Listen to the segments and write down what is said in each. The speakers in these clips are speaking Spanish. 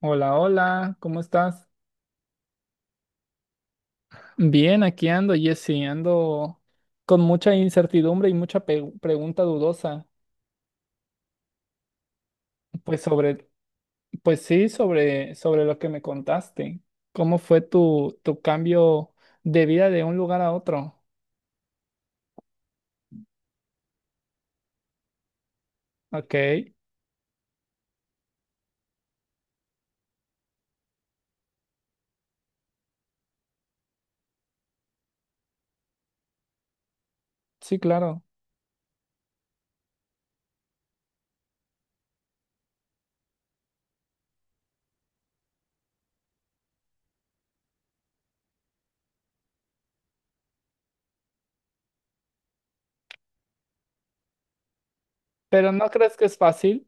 Hola, hola, ¿cómo estás? Bien, aquí ando, Jessy, ando con mucha incertidumbre y mucha pregunta dudosa, pues sobre, pues sí, sobre lo que me contaste. ¿Cómo fue tu cambio de vida de un lugar a otro? Ok, sí, claro. Pero ¿no crees que es fácil?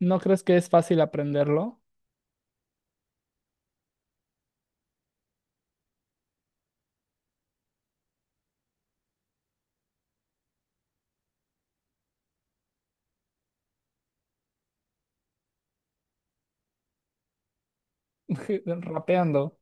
¿No crees que es fácil aprenderlo? Rapeando.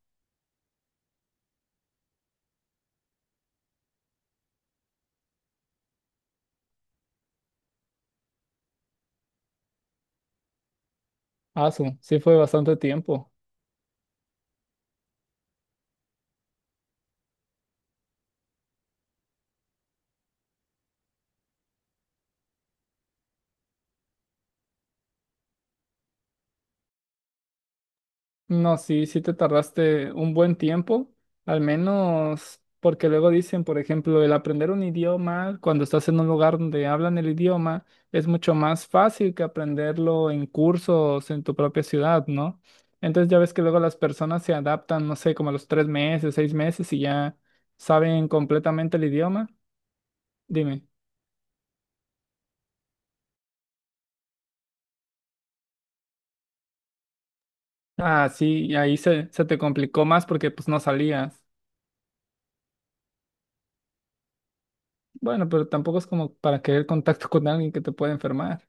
Ah, sí fue bastante tiempo. No, sí, sí te tardaste un buen tiempo, al menos porque luego dicen, por ejemplo, el aprender un idioma cuando estás en un lugar donde hablan el idioma es mucho más fácil que aprenderlo en cursos en tu propia ciudad, ¿no? Entonces ya ves que luego las personas se adaptan, no sé, como a los 3 meses, 6 meses y ya saben completamente el idioma. Dime. Ah, sí, y ahí se te complicó más porque pues no salías. Bueno, pero tampoco es como para querer contacto con alguien que te puede enfermar.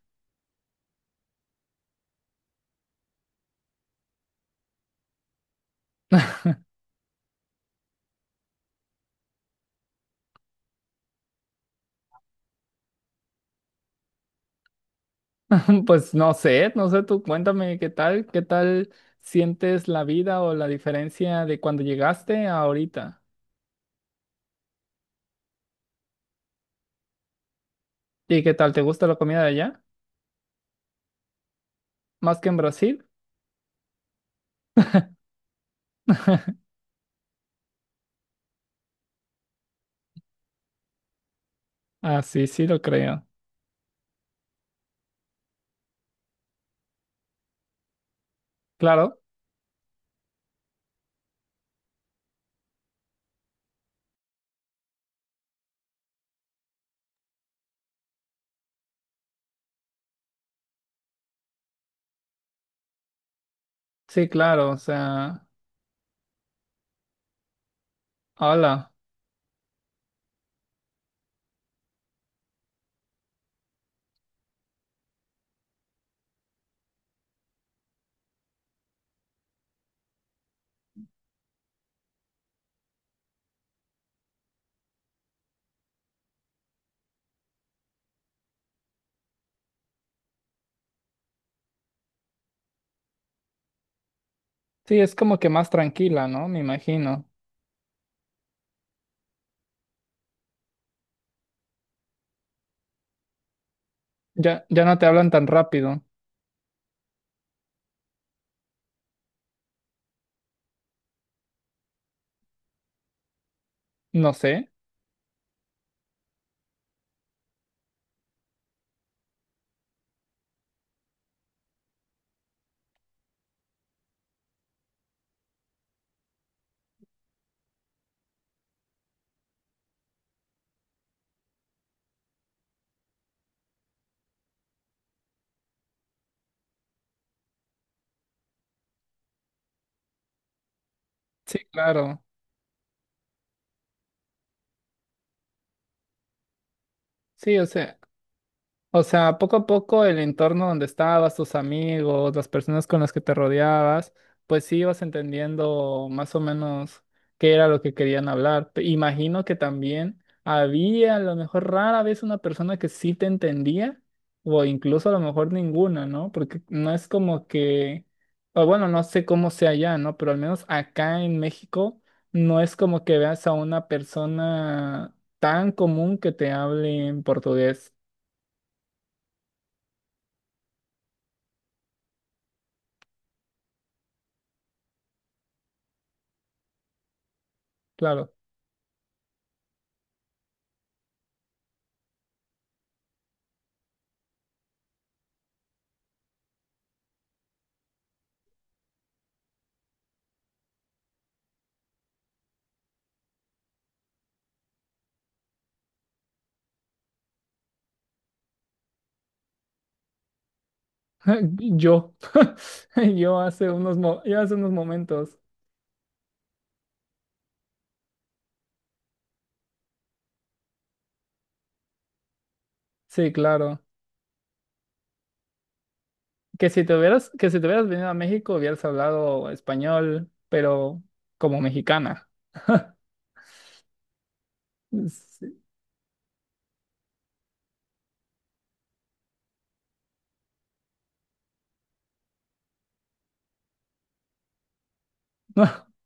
Pues no sé, no sé, tú cuéntame qué tal sientes la vida o la diferencia de cuando llegaste a ahorita. ¿Y qué tal? ¿Te gusta la comida de allá? ¿Más que en Brasil? Ah, sí, sí, lo creo. Claro, sí, claro, o sea, hola. Sí, es como que más tranquila, ¿no? Me imagino. Ya, ya no te hablan tan rápido. No sé. Sí, claro. Sí, o sea. O sea, poco a poco el entorno donde estabas, tus amigos, las personas con las que te rodeabas, pues sí ibas entendiendo más o menos qué era lo que querían hablar. Imagino que también había a lo mejor rara vez una persona que sí te entendía, o incluso a lo mejor ninguna, ¿no? Porque no es como que, o bueno, no sé cómo sea allá, ¿no? Pero al menos acá en México no es como que veas a una persona tan común que te hable en portugués, claro. Yo, yo hace unos momentos, sí, claro, que si te hubieras venido a México hubieras hablado español, pero como mexicana. Sí.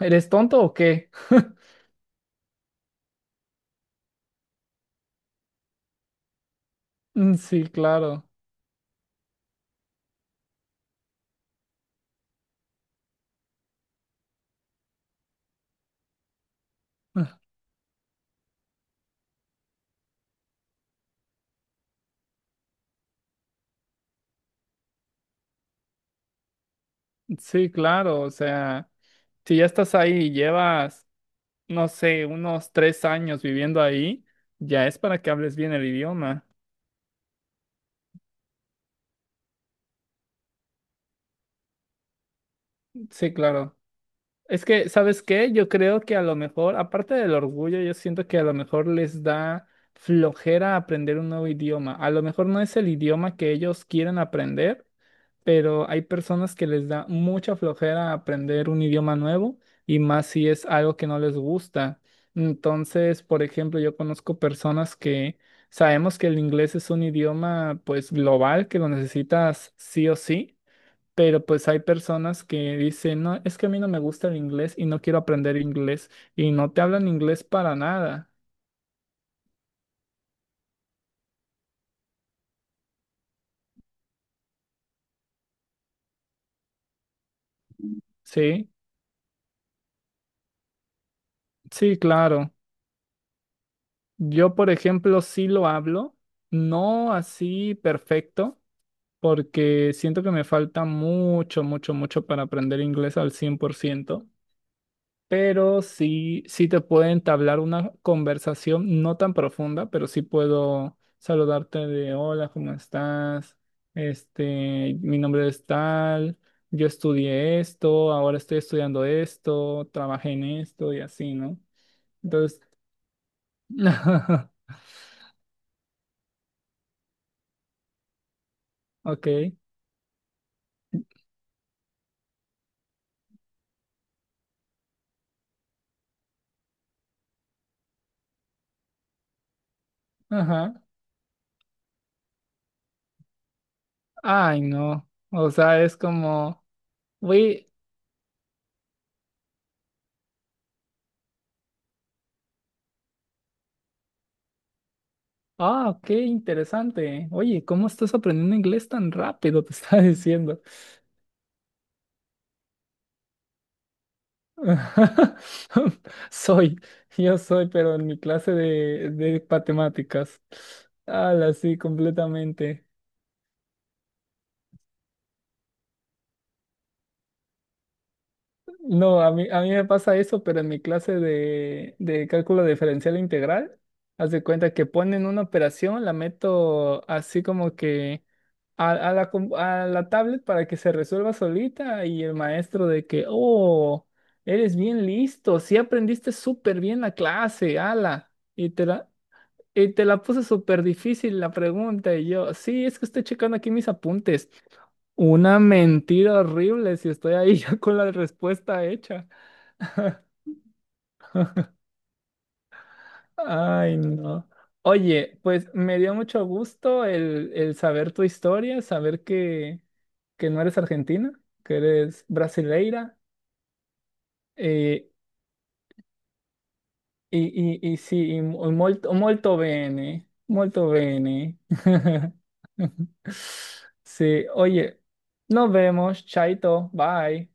¿Eres tonto o qué? Mm, sí, claro, sí, claro, o sea, si ya estás ahí y llevas, no sé, unos 3 años viviendo ahí, ya es para que hables bien el idioma. Sí, claro. Es que, ¿sabes qué? Yo creo que a lo mejor, aparte del orgullo, yo siento que a lo mejor les da flojera aprender un nuevo idioma. A lo mejor no es el idioma que ellos quieren aprender, pero hay personas que les da mucha flojera aprender un idioma nuevo y más si es algo que no les gusta. Entonces, por ejemplo, yo conozco personas que sabemos que el inglés es un idioma pues global que lo necesitas sí o sí. Pero pues hay personas que dicen, no, es que a mí no me gusta el inglés y no quiero aprender inglés y no te hablan inglés para nada, ¿sí? Sí, claro. Yo, por ejemplo, sí lo hablo, no así perfecto, porque siento que me falta mucho, mucho, mucho para aprender inglés al 100%. Pero sí, sí te puedo entablar una conversación no tan profunda, pero sí puedo saludarte de hola, ¿cómo estás? Este, mi nombre es tal, yo estudié esto, ahora estoy estudiando esto, trabajé en esto y así, ¿no? Entonces, ok, ajá. Ay, no. O sea, es como, uy, ah, qué interesante. Oye, ¿cómo estás aprendiendo inglés tan rápido? Te estaba diciendo. Soy, yo soy, pero en mi clase de, matemáticas. Ala, sí, completamente. No, a mí me pasa eso, pero en mi clase de cálculo diferencial integral, haz de cuenta que ponen una operación, la meto así como que a la tablet para que se resuelva solita y el maestro de que, oh, eres bien listo, sí aprendiste súper bien la clase, ala. Y te la, y te la puse súper difícil la pregunta y yo, sí, es que estoy checando aquí mis apuntes. Una mentira horrible si estoy ahí ya con la respuesta hecha. Ay, no. Oye, pues me dio mucho gusto el saber tu historia, saber que no eres argentina, que eres brasileira. Eh, E, e sì, molto bene, molto bene. Sí, oye, nos vemos, chaito, bye.